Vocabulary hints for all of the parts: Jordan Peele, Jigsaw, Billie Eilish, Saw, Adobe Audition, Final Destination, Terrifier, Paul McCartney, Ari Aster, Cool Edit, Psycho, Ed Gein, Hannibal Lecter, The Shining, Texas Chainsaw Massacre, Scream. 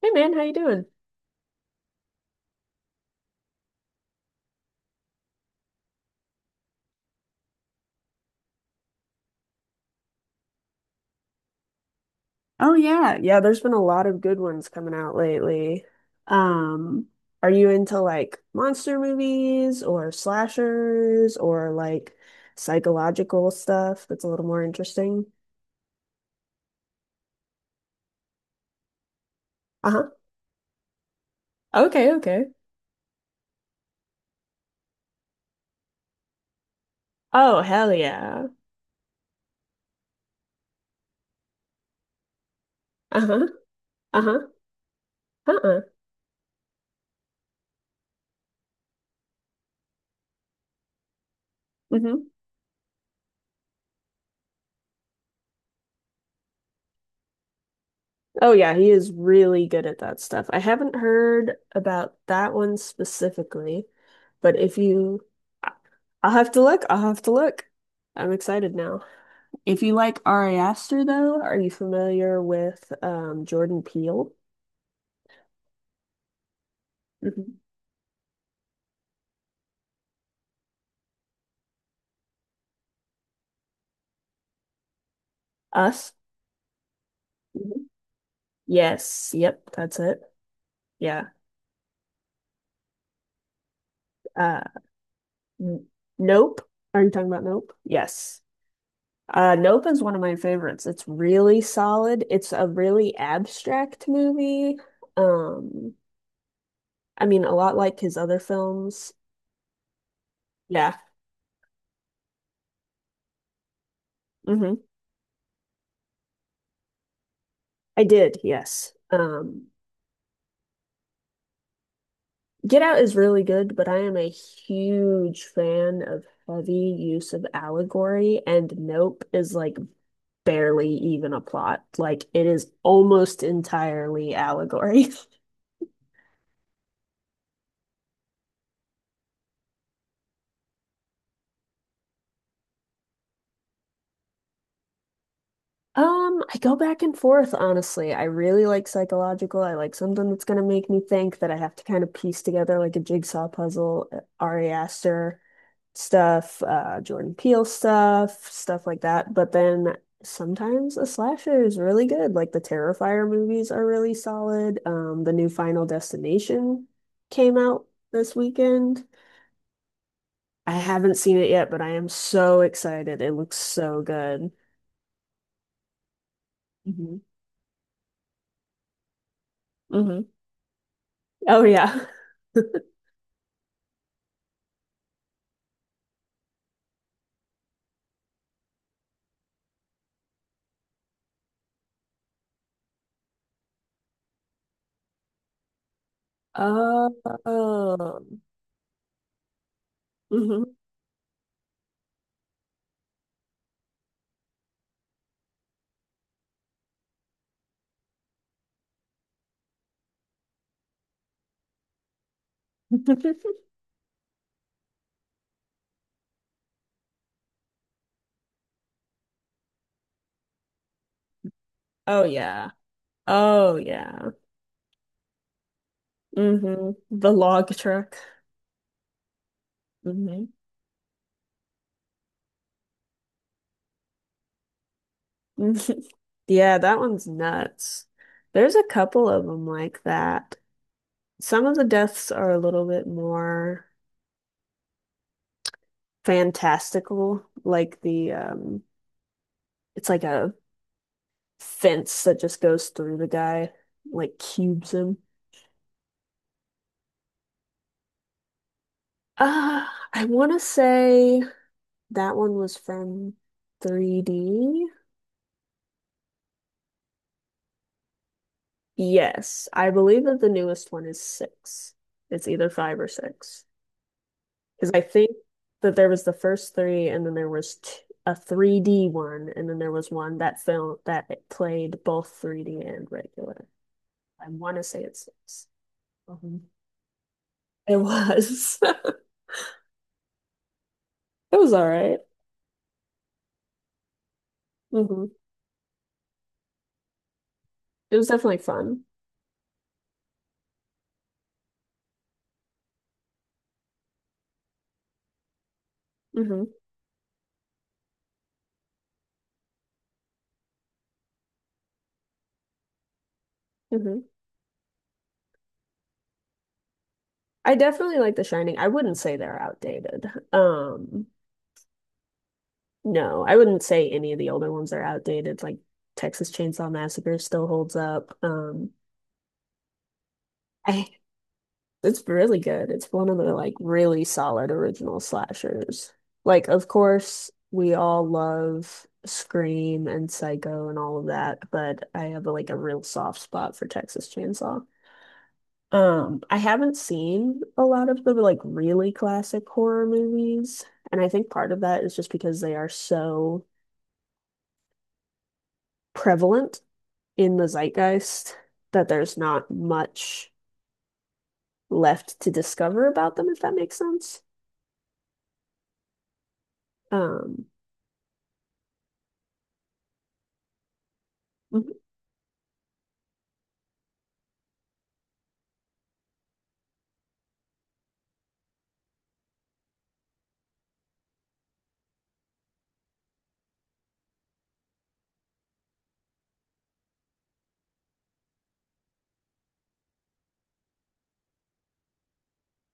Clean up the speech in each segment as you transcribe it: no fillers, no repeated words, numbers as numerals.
Hey man, how you doing? Oh yeah, yeah, there's been a lot of good ones coming out lately. Um, are you into like monster movies or slashers or like psychological stuff that's a little more interesting? Uh-huh. Okay, okay. Oh, hell yeah. Uh-huh. Uh-huh. Uh-uh. Hmm. Oh yeah, he is really good at that stuff. I haven't heard about that one specifically, but if you I- I'll have to look. I'll have to look. I'm excited now. If you like Ari Aster, though, are you familiar with Jordan Peele? Mhm. Us? Mhm. Yes. Yep, that's it. Yeah. Uh, n- Nope. Are you talking about Nope? Yes. Nope is one of my favorites. It's really solid. It's a really abstract movie. Um, I mean, a lot like his other films. Yeah. Hmm. I did, yes. Get Out is really good, but I am a huge fan of heavy use of allegory, and Nope is like barely even a plot. Like it is almost entirely allegory. I go back and forth, honestly. I really like psychological. I like something that's going to make me think that I have to kind of piece together like a jigsaw puzzle. Ari Aster stuff, Jordan Peele stuff, stuff like that. But then sometimes a slasher is really good. Like the Terrifier movies are really solid. The new Final Destination came out this weekend. I haven't seen it yet, but I am so excited. It looks so good. Hmm. Hmm. Oh yeah. Oh. Hmm. Oh yeah. Oh yeah. Hmm. The log truck. Hmm. Yeah, that one's nuts. There's a couple of them like that. Some of the deaths are a little bit more fantastical, like the it's like a fence that just goes through the guy, like cubes him. Uh, I want to say that one was from 3D. Yes, I believe that the newest one is six. It's either five or six. Because I think that there was the first three, and then there was t a 3D one, and then there was one that film that it played both 3D and regular. I want to say it's six. Mhm. It was. It was all right. Mm-hmm. It was definitely fun. Hmm. Hmm. I definitely like The Shining. I wouldn't say they're outdated. Um, no, I wouldn't say any of the older ones are outdated. Like Texas Chainsaw Massacre still holds up. I It's really good. It's one of the like really solid original slashers. Like, of course, we all love Scream and Psycho and all of that, but I have like a real soft spot for Texas Chainsaw. I haven't seen a lot of the like really classic horror movies, and I think part of that is just because they are so prevalent in the zeitgeist that there's not much left to discover about them, if that makes sense. Um,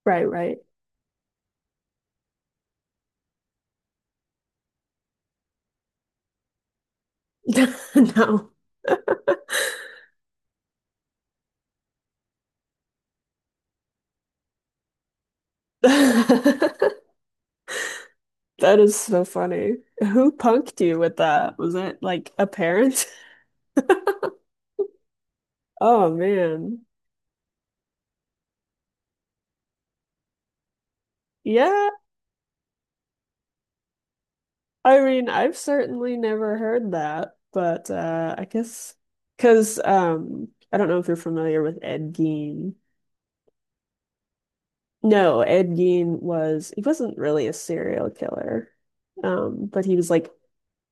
Right, right. No. That is so funny. Who punked you with that? Was it like a parent? Oh man. Yeah, I mean, I've certainly never heard that, but I guess because I don't know if you're familiar with Ed Gein. No, Ed Gein was he wasn't really a serial killer. But he was like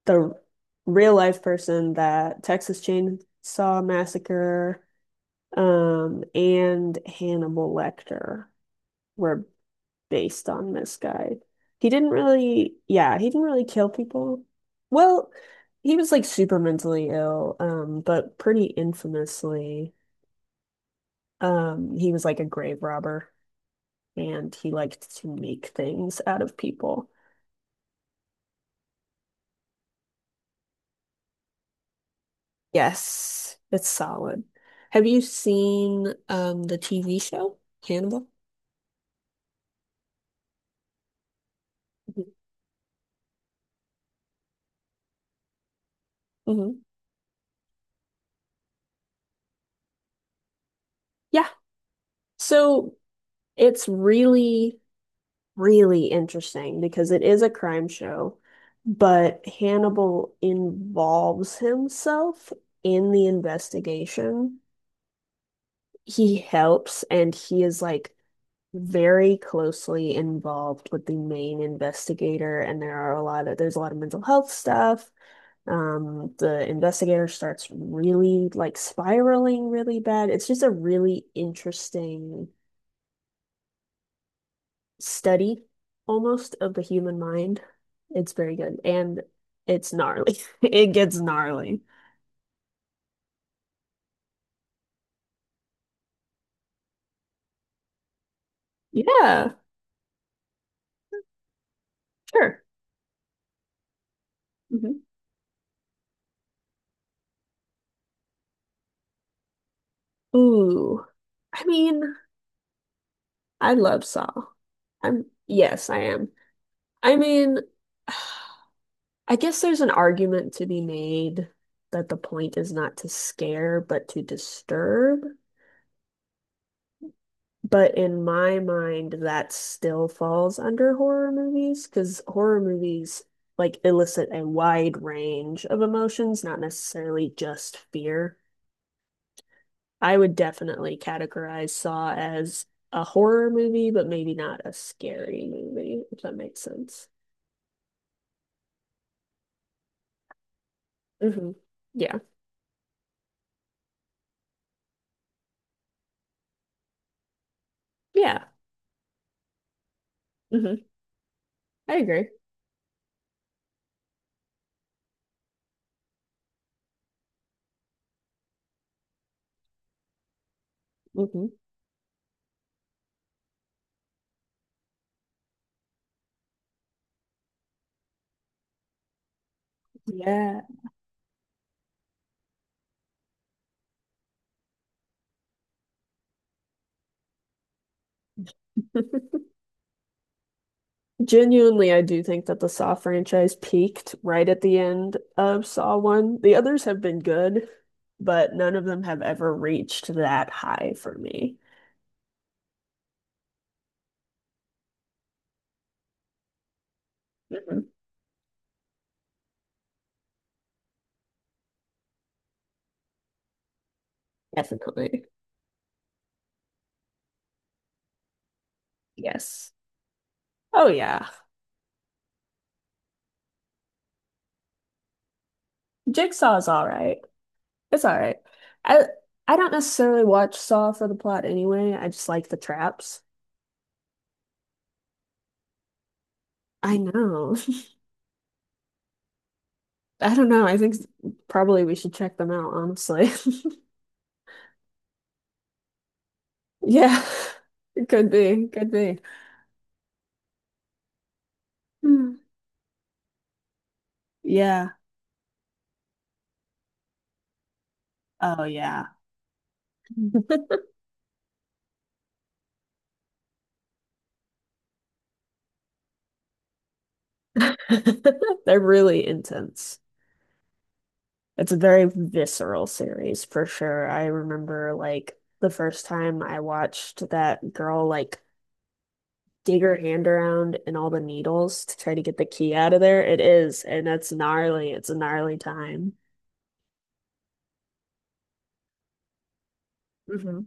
the real life person that Texas Chainsaw Massacre and Hannibal Lecter were based on this guy. He didn't really, yeah, he didn't really kill people. Well, he was like super mentally ill, but pretty infamously, he was like a grave robber and he liked to make things out of people. Yes, it's solid. Have you seen the TV show Hannibal? Hmm. Yeah. So it's really really interesting because it is a crime show, but Hannibal involves himself in the investigation. He helps and he is like very closely involved with the main investigator, and there's a lot of mental health stuff. The investigator starts really like spiraling really bad. It's just a really interesting study almost of the human mind. It's very good and it's gnarly. It gets gnarly. Yeah, sure. Mhm. Ooh, I mean, I love Saw. I'm, yes, I am. I mean, I guess there's an argument to be made that the point is not to scare, but to disturb. But in my mind, that still falls under horror movies because horror movies like elicit a wide range of emotions, not necessarily just fear. I would definitely categorize Saw as a horror movie, but maybe not a scary movie, if that makes sense. Hmm. Yeah. Yeah. Hmm. I agree. Hmm. Yeah. Genuinely, I do think that the Saw franchise peaked right at the end of Saw 1. The others have been good, but none of them have ever reached that high for me. Mhm. Definitely. Yes. Oh yeah. Jigsaw is all right. It's all right. I I don't necessarily watch Saw for the plot anyway. I just like the traps. I know. I don't know. Probably we should check them out, honestly. Yeah. It could be. Could be. Hmm. Yeah. Oh yeah. They're really intense. It's a very visceral series for sure. I remember like the first time I watched that girl like dig her hand around in all the needles to try to get the key out of there. It is, and it's gnarly. It's a gnarly time. Hmm.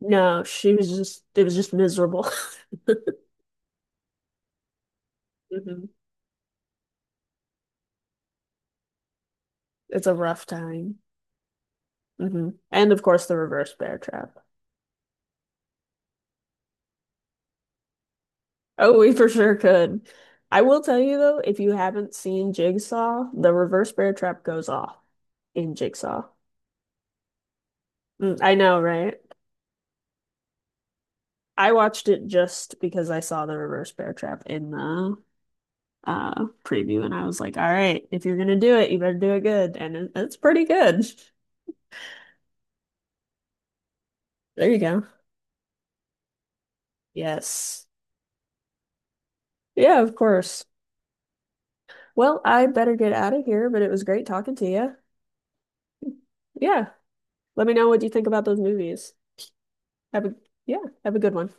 No, she was just it was just miserable. Hmm. It's a rough time. Hmm. And of course the reverse bear trap. Oh, we for sure could. I will tell you though, if you haven't seen Jigsaw, the reverse bear trap goes off in Jigsaw. Mm, I know, right? I watched it just because I saw the reverse bear trap in the preview and I was like, all right, if you're gonna do it, you better do it good. And it's pretty good. There you go. Yes. Yeah, of course. Well, I better get out of here, but it was great talking to you. Yeah. Let me know what you think about those movies. Have a yeah, have a good one.